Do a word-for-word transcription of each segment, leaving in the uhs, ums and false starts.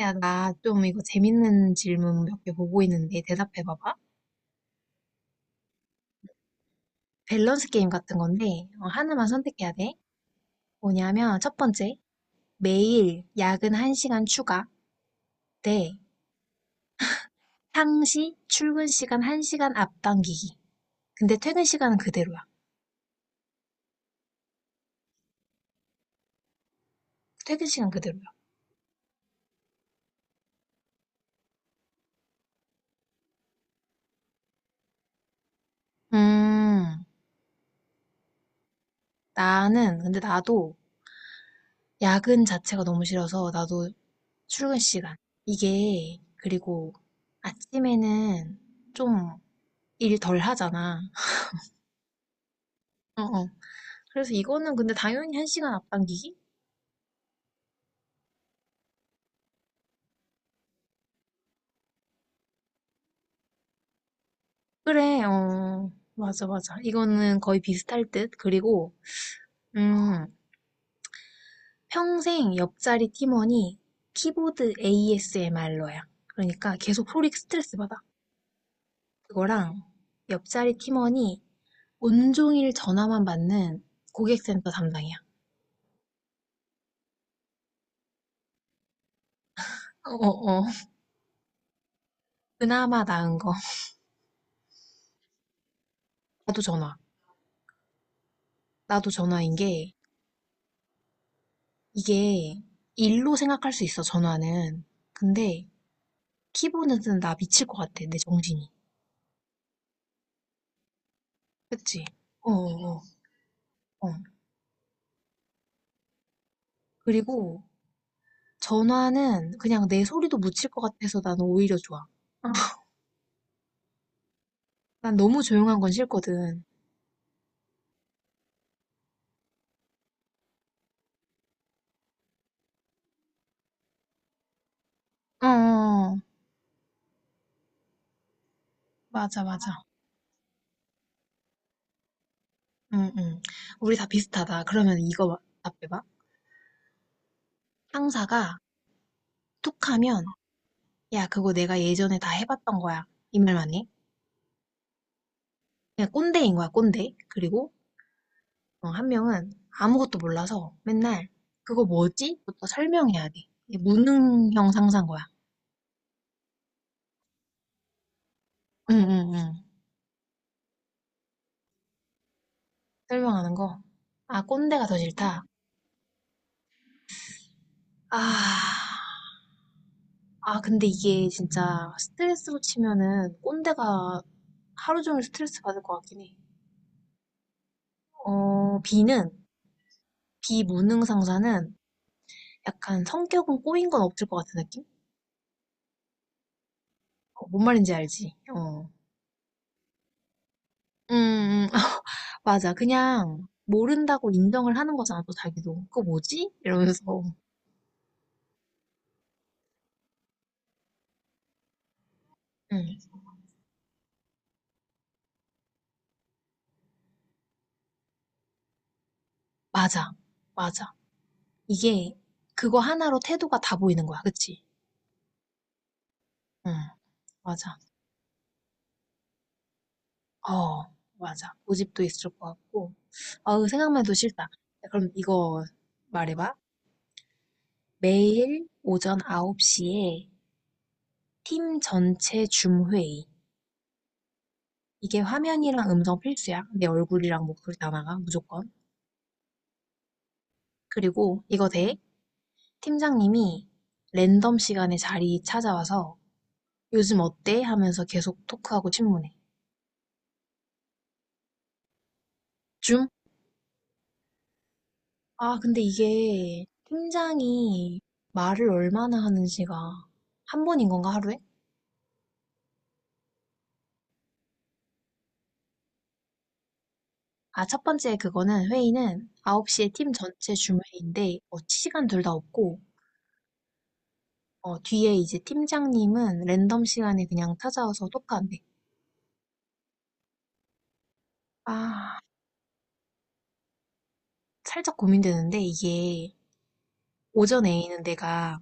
야, 나 좀 이거 재밌는 질문 몇 개 보고 있는데 대답해 봐봐. 밸런스 게임 같은 건데 어, 하나만 선택해야 돼. 뭐냐면 첫 번째, 매일 야근 한 시간 추가 대 상시 출근 시간 한 시간 앞당기기. 근데 퇴근 시간은 그대로야. 퇴근 시간 그대로야. 음, 나는 근데 나도 야근 자체가 너무 싫어서 나도 출근 시간. 이게 그리고 아침에는 좀 일 덜 하잖아. 어, 어. 그래서 이거는 근데 당연히 한 시간 앞당기기? 그래, 어, 맞아, 맞아. 이거는 거의 비슷할 듯. 그리고, 음, 평생 옆자리 팀원이 키보드 에이에스엠알러야. 그러니까 계속 소리 스트레스 받아. 그거랑 옆자리 팀원이 온종일 전화만 받는 고객센터 담당이야. 어, 어, 어. 그나마 나은 거. 나도 전화. 나도 전화인 게, 이게 일로 생각할 수 있어, 전화는. 근데 키보드는 나 미칠 것 같아, 내 정신이. 그치? 어어어. 어. 어. 어. 그리고 전화는 그냥 내 소리도 묻힐 것 같아서 나는 오히려 좋아. 어. 난 너무 조용한 건 싫거든. 어, 어, 맞아, 맞아. 응, 응. 우리 다 비슷하다. 그러면 이거 답해봐. 상사가 툭 하면, 야, 그거 내가 예전에 다 해봤던 거야. 이 말만 해. 그냥 꼰대인 거야, 꼰대. 그리고 어, 한 명은 아무것도 몰라서 맨날 그거 뭐지? 부터 설명해야 돼. 이게 무능형 상사인 거야. 응응응. 설명하는 거. 아, 꼰대가 더 싫다. 아, 아, 근데 이게 진짜 스트레스로 치면은 꼰대가 하루 종일 스트레스 받을 것 같긴 해. 어, 비는, 비무능 상사는 약간 성격은 꼬인 건 없을 것 같은 느낌? 어, 뭔 말인지 알지? 어. 음, 맞아. 그냥 모른다고 인정을 하는 거잖아, 또 자기도. 그거 뭐지? 이러면서. 응, 맞아. 맞아. 이게 그거 하나로 태도가 다 보이는 거야. 그치? 응, 맞아. 어, 맞아. 고집도 있을 것 같고. 어우, 생각만 해도 싫다. 야, 그럼 이거 말해봐. 매일 오전 아홉 시에 팀 전체 줌회의. 이게 화면이랑 음성 필수야. 내 얼굴이랑 목소리 다 나가, 무조건. 그리고 이거 돼. 팀장님이 랜덤 시간에 자리 찾아와서 요즘 어때? 하면서 계속 토크하고 질문해. 줌? 아, 근데 이게 팀장이 말을 얼마나 하는지가 한 번인 건가, 하루에? 아, 첫 번째 그거는 회의는 아홉 시에 팀 전체 줌 회의인데, 어, 시간 둘 다 없고, 어, 뒤에 이제 팀장님은 랜덤 시간에 그냥 찾아와서 토크한대. 아, 살짝 고민되는데, 이게 오전 A는 내가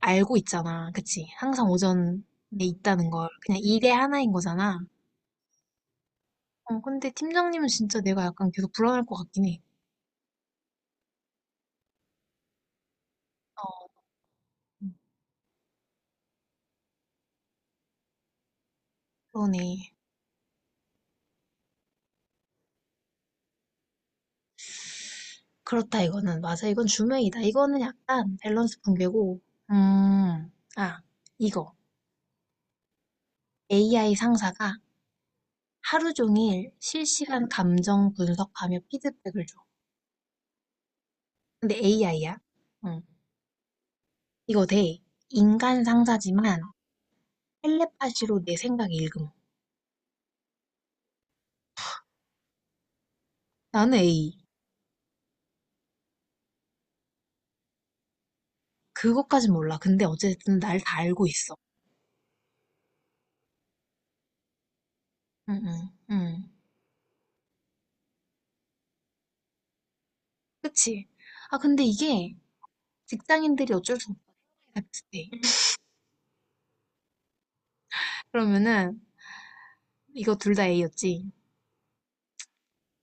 알고 있잖아. 그치? 항상 오전에 있다는 걸. 그냥 일의 하나인 거잖아. 어, 근데 팀장님은 진짜 내가 약간 계속 불안할 것 같긴 해. 음, 그러네. 그렇다, 이거는. 맞아, 이건 주웨이다 이거는 약간 밸런스 붕괴고. 음, 아, 이거. 에이아이 상사가 하루 종일 실시간 감정 분석하며 피드백을 줘. 근데 에이아이야. 응. 이거 돼. 인간 상사지만 텔레파시로 내 생각 읽음. 나는 A. 그것까진 몰라. 근데 어쨌든 날 다 알고 있어. 응, 응, 응. 그치? 아, 근데 이게 직장인들이 어쩔 수 없다. 비슷해. 그러면은, 이거 둘 다 A였지?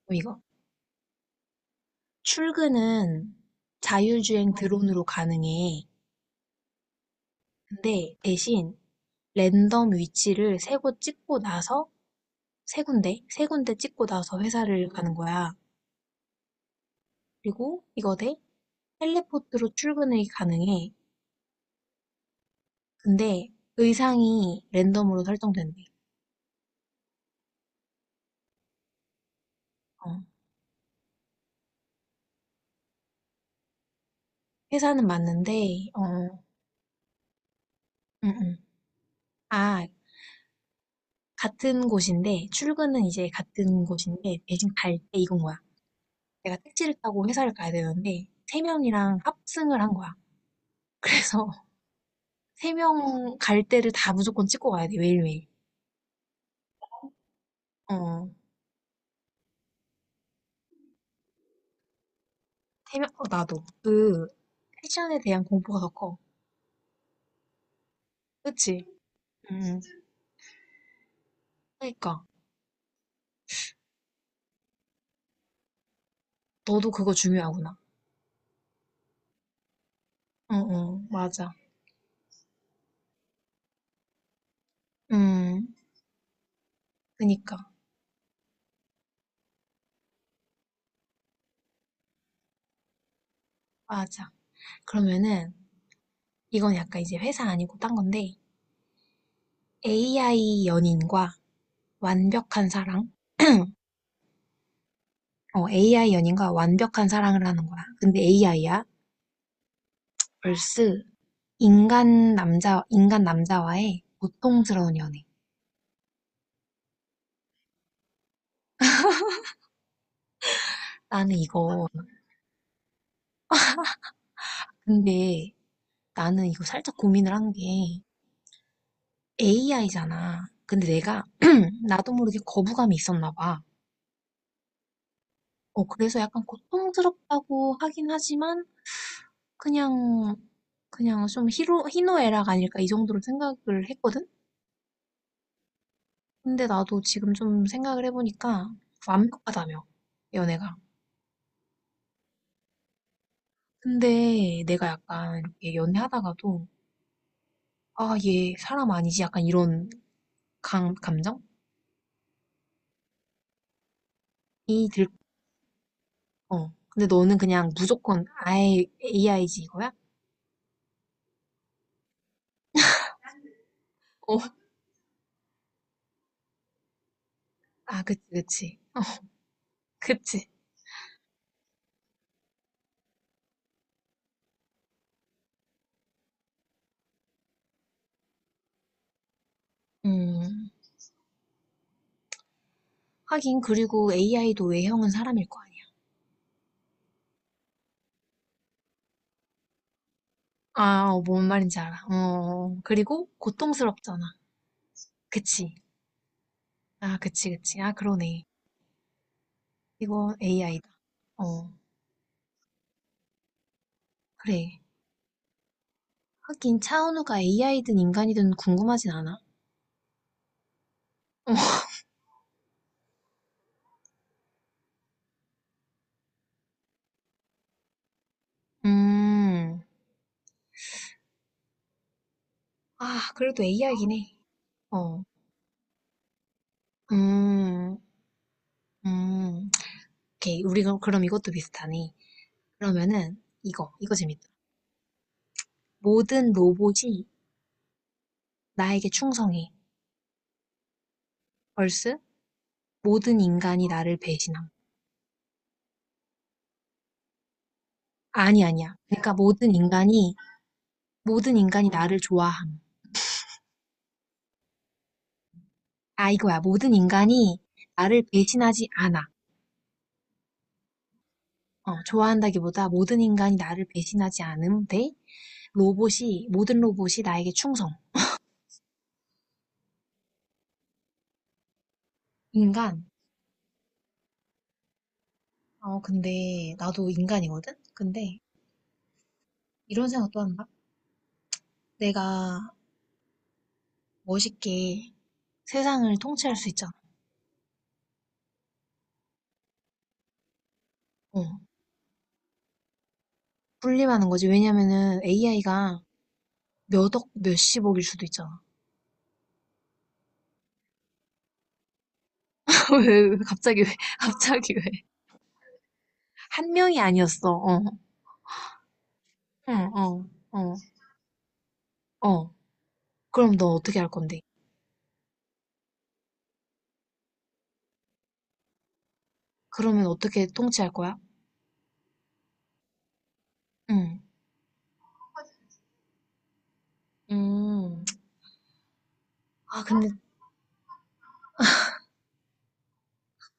그럼 이거. 출근은 자율주행 드론으로 가능해. 근데 대신 랜덤 위치를 세 곳 찍고 나서, 세 군데? 세 군데 찍고 나서 회사를 가는 거야. 그리고 이거 대 텔레포트로 출근이 가능해. 근데 의상이 랜덤으로 설정된대. 어. 회사는 맞는데, 어, 음, 음. 아, 같은 곳인데, 출근은 이제 같은 곳인데, 대신 갈 때 이건 거야. 내가 택시를 타고 회사를 가야 되는데, 세 명이랑 합승을 한 거야. 그래서 세 명 갈 때를 다 무조건 찍고 가야 돼, 매일매일. 어, 세 명, 어, 나도. 그, 패션에 대한 공포가 더 커. 그치? 음, 그니까. 너도 그거 중요하구나. 어, 어, 맞아. 음, 그니까. 맞아. 그러면은, 이건 약간 이제 회사 아니고 딴 건데, 에이아이 연인과 완벽한 사랑? 어, 에이아이 연인과 완벽한 사랑을 하는 거야. 근데 에이아이야? vs 인간 남자, 인간 남자와의 고통스러운 연애. 나는 이거, 근데 나는 이거 살짝 고민을 한 게 에이아이잖아. 근데 내가 나도 모르게 거부감이 있었나 봐. 어, 그래서 약간 고통스럽다고 하긴 하지만 그냥, 그냥 좀 희로, 희노애락 아닐까 이 정도로 생각을 했거든? 근데 나도 지금 좀 생각을 해보니까 완벽하다며, 연애가. 근데 내가 약간 이렇게 연애하다가도, 아, 얘 사람 아니지? 약간 이런 감, 감정이 들, 어. 근데 너는 그냥 무조건 아예 에이아이지 이거야? 어, 아, 그치, 그치. 그치. 음, 하긴, 그리고 에이아이도 외형은 사람일 거 아니야. 아, 어, 뭔 말인지 알아. 어, 그리고 고통스럽잖아. 그치. 아, 그치, 그치. 아, 그러네. 이거 에이아이다. 어, 그래. 하긴 차은우가 에이아이든 인간이든 궁금하진 않아. 음, 아, 그래도 에이아이긴 해. 어, 음, 음. 오케이, 우리 가 그럼 이것도 비슷하네. 그러면은 이거, 이거 재밌다. 모든 로봇이 나에게 충성해. 벌스? 모든 인간이 나를 배신함. 아니, 아니야. 그러니까 모든 인간이, 모든 인간이 나를 좋아함. 아, 이거야. 모든 인간이 나를 배신하지 않아. 어, 좋아한다기보다 모든 인간이 나를 배신하지 않음 대 로봇이, 모든 로봇이 나에게 충성. 인간. 어, 근데 나도 인간이거든? 근데 이런 생각도 한다. 내가 멋있게 세상을 통치할 수 있잖아. 어, 군림하는 거지. 왜냐면은 에이아이가 몇 억, 몇십억일 수도 있잖아. 왜, 왜, 갑자기 왜, 갑자기 왜. 한 명이 아니었어. 어, 응, 어, 어, 어. 그럼 너 어떻게 할 건데? 그러면 어떻게 통치할 거야? 응. 음. 아, 근데,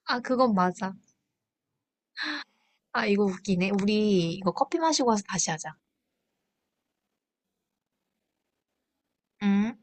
아, 그건 맞아. 아, 이거 웃기네. 우리 이거 커피 마시고 와서 다시 하자. 음.